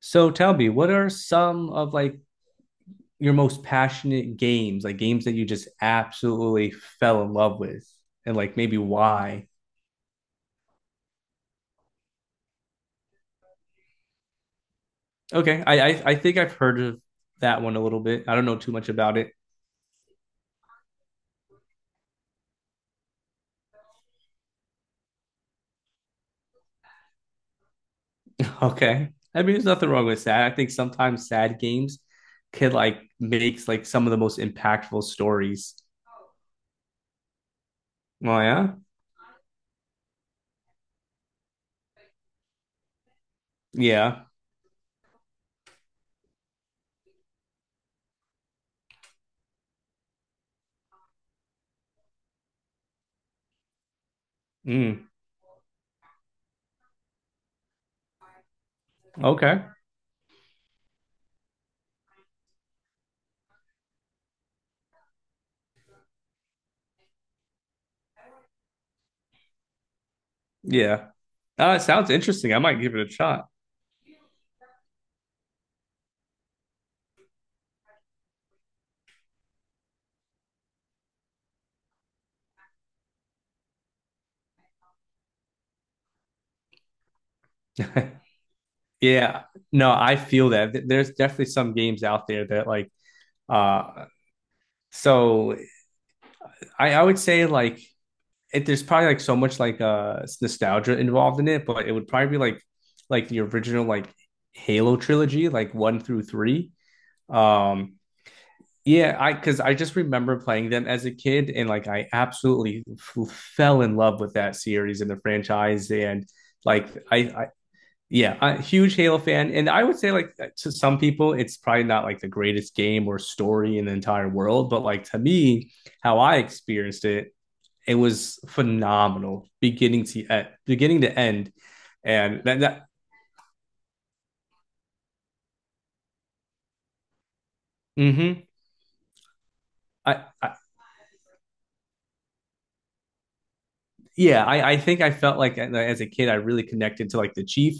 So tell me, what are some of like your most passionate games, like games that you just absolutely fell in love with, and like maybe why? Okay, I think I've heard of that one a little bit. I don't know too much about it. Okay, I mean, there's nothing wrong with sad. I think sometimes sad games can like makes like some of the most impactful stories. Oh yeah, yeah. Mm, okay, yeah. It sounds interesting. I might give it a shot. Yeah, no, I feel that. There's definitely some games out there that like uh so I would say like it, there's probably like so much like nostalgia involved in it, but it would probably be like the original like Halo trilogy, like one through three. Um yeah, I because I just remember playing them as a kid and like I absolutely f fell in love with that series and the franchise and like I. Yeah, a huge Halo fan, and I would say like to some people, it's probably not like the greatest game or story in the entire world, but like to me, how I experienced it, it was phenomenal, beginning to beginning to end, and that. Hmm. I Yeah, I think I felt like as a kid I really connected to like the chief,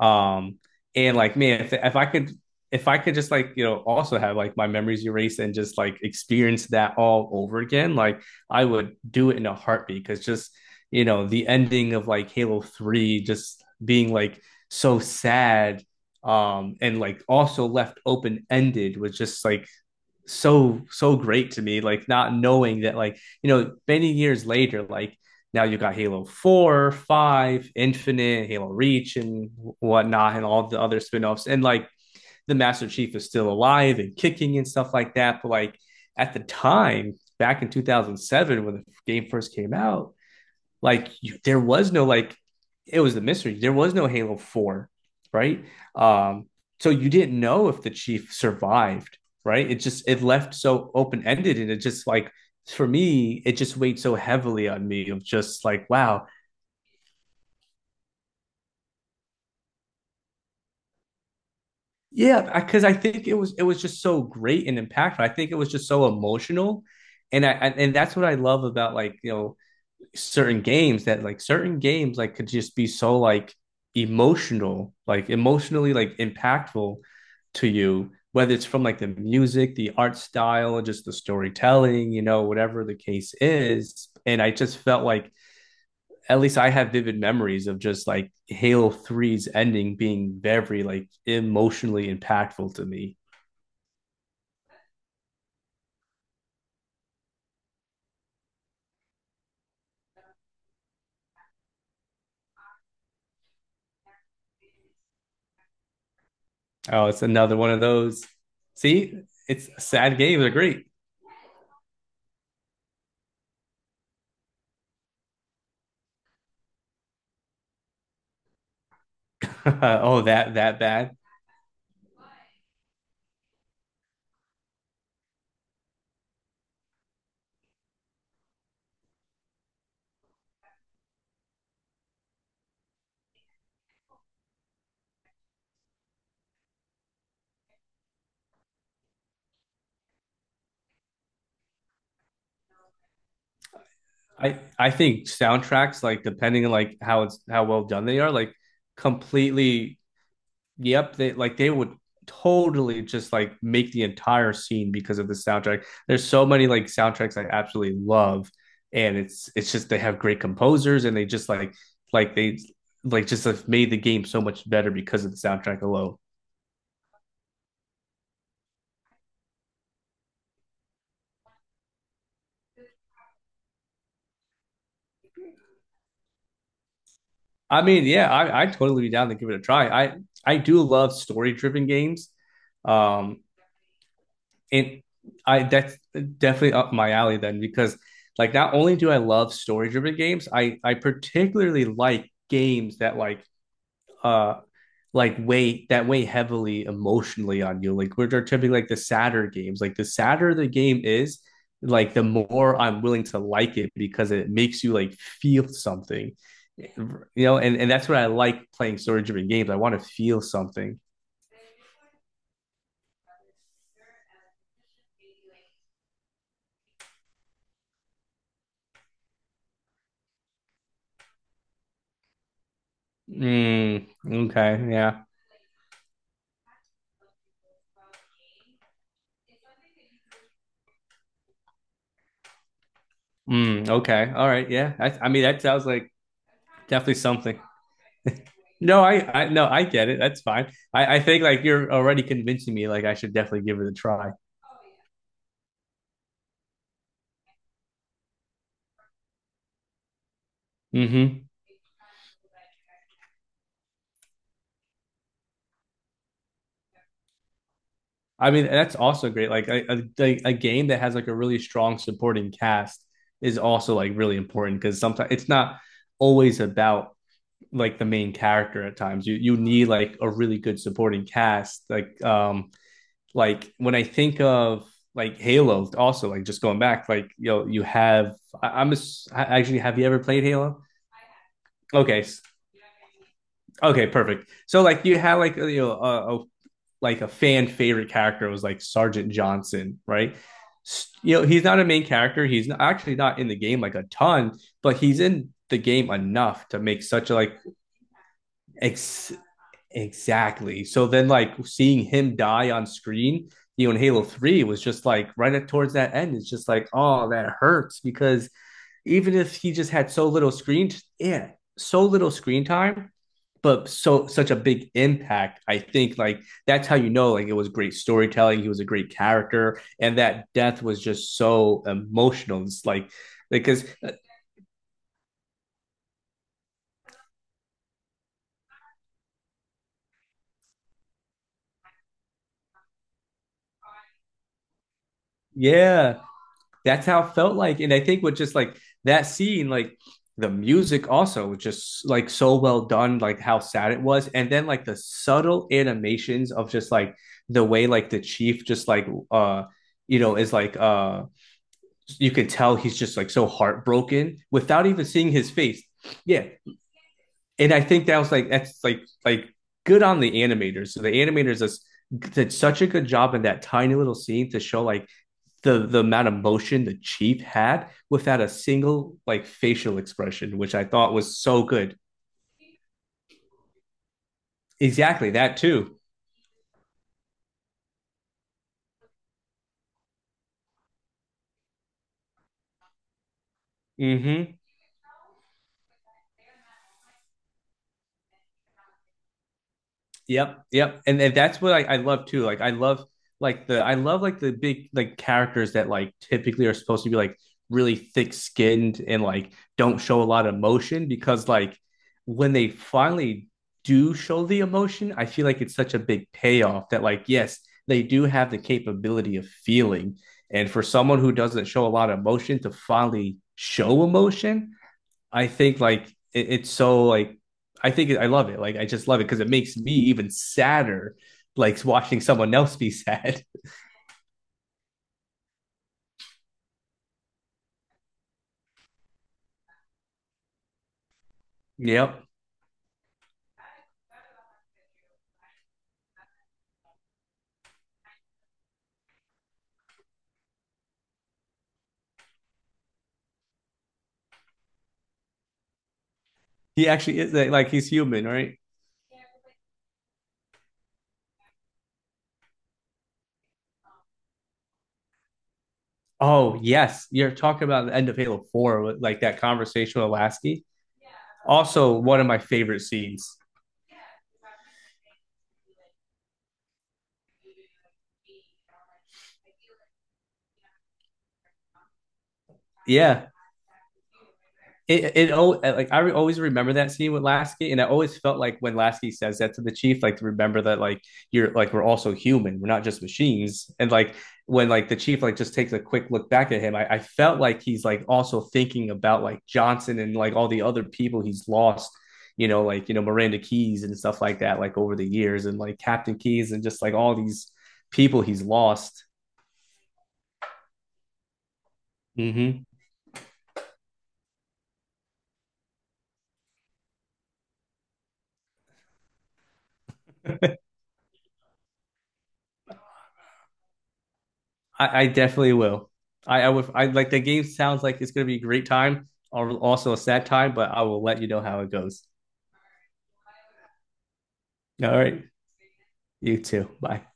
um, and like man, if I could just like you know also have like my memories erased and just like experience that all over again, like I would do it in a heartbeat because just you know the ending of like Halo 3 just being like so sad and like also left open ended was just like so great to me like not knowing that like you know many years later like now you got halo 4 5 infinite halo reach and whatnot and all the other spinoffs, and like the master chief is still alive and kicking and stuff like that but like at the time back in 2007 when the game first came out like you, there was no like it was the mystery. There was no Halo 4, right? Um, so you didn't know if the chief survived, right? It just it left so open-ended and it just like for me, it just weighed so heavily on me of just like, wow, yeah, because think it was just so great and impactful. I think it was just so emotional, and I and that's what I love about like you know certain games that like certain games like could just be so like emotional, like emotionally like impactful to you, whether it's from like the music, the art style, just the storytelling, you know, whatever the case is. And I just felt like at least I have vivid memories of just like Halo 3's ending being very like emotionally impactful to me. Oh, it's another one of those. See, it's sad games are great. Oh, that bad. I think soundtracks like depending on like how it's how well done they are like completely yep they like they would totally just like make the entire scene because of the soundtrack. There's so many like soundtracks I absolutely love and it's just they have great composers and they just like they like just have made the game so much better because of the soundtrack alone. I mean, yeah, I totally be down to give it a try. I do love story driven games. Um it I that's definitely up my alley then because like not only do I love story driven games, I particularly like games that uh like weigh that weigh heavily emotionally on you. Like which are typically like the sadder games. Like the sadder the game is, like the more I'm willing to like it because it makes you like feel something. You know, and that's what I like playing story driven games. I want to feel something. Mm, okay, yeah. Mm, okay. All right. Yeah. I mean, that sounds like definitely something. No, no, I get it. That's fine. I think like you're already convincing me. Like I should definitely give it a try. Hmm. I mean, that's also great. Like a like, a game that has like a really strong supporting cast is also like really important because sometimes it's not always about like the main character. At times, you need like a really good supporting cast. Like when I think of like Halo, also like just going back, like you know, you have I, I'm a, actually have you ever played Halo? Okay, okay, perfect. So like you had like you know a like a fan favorite character was like Sergeant Johnson, right? You know he's not a main character. He's not, actually not in the game like a ton, but he's in the game enough to make such a like ex- Exactly. So then, like seeing him die on screen, you know, in Halo 3 was just like right at towards that end, it's just like, oh, that hurts because even if he just had so little screen, yeah, so little screen time, but so such a big impact. I think like that's how you know like it was great storytelling, he was a great character, and that death was just so emotional. It's like because yeah, that's how it felt like. And I think with just like that scene, like the music also was just like so well done, like how sad it was. And then like the subtle animations of just like the way like the chief just like you know is like you can tell he's just like so heartbroken without even seeing his face. Yeah. And I think that was like that's like good on the animators. So the animators just did such a good job in that tiny little scene to show like the amount of motion the chief had without a single like facial expression, which I thought was so good. Exactly that too. Hmm. Yep, yep, and that's what I love too. Like I love like the I love like the big like characters that like typically are supposed to be like really thick skinned and like don't show a lot of emotion because like when they finally do show the emotion, I feel like it's such a big payoff that like yes they do have the capability of feeling, and for someone who doesn't show a lot of emotion to finally show emotion, I think like it's so like I think it, I love it. Like I just love it because it makes me even sadder, like watching someone else be sad. Yep, he actually is like, he's human, right? Oh yes, you're talking about the end of Halo 4, with, like that conversation with Lasky. Also, one of my favorite scenes. Yeah, it oh like I always remember that scene with Lasky, and I always felt like when Lasky says that to the chief, like to remember that like you're like we're also human, we're not just machines. And like when like the chief like just takes a quick look back at him, I felt like he's like also thinking about like Johnson and like all the other people he's lost, you know, like you know Miranda Keys and stuff like that, like over the years, and like Captain Keys and just like all these people he's lost. Mm-hmm. I definitely will. I would. I like the game. Sounds like it's going to be a great time, or also a sad time. But I will let you know how it goes. All right. You too. Bye.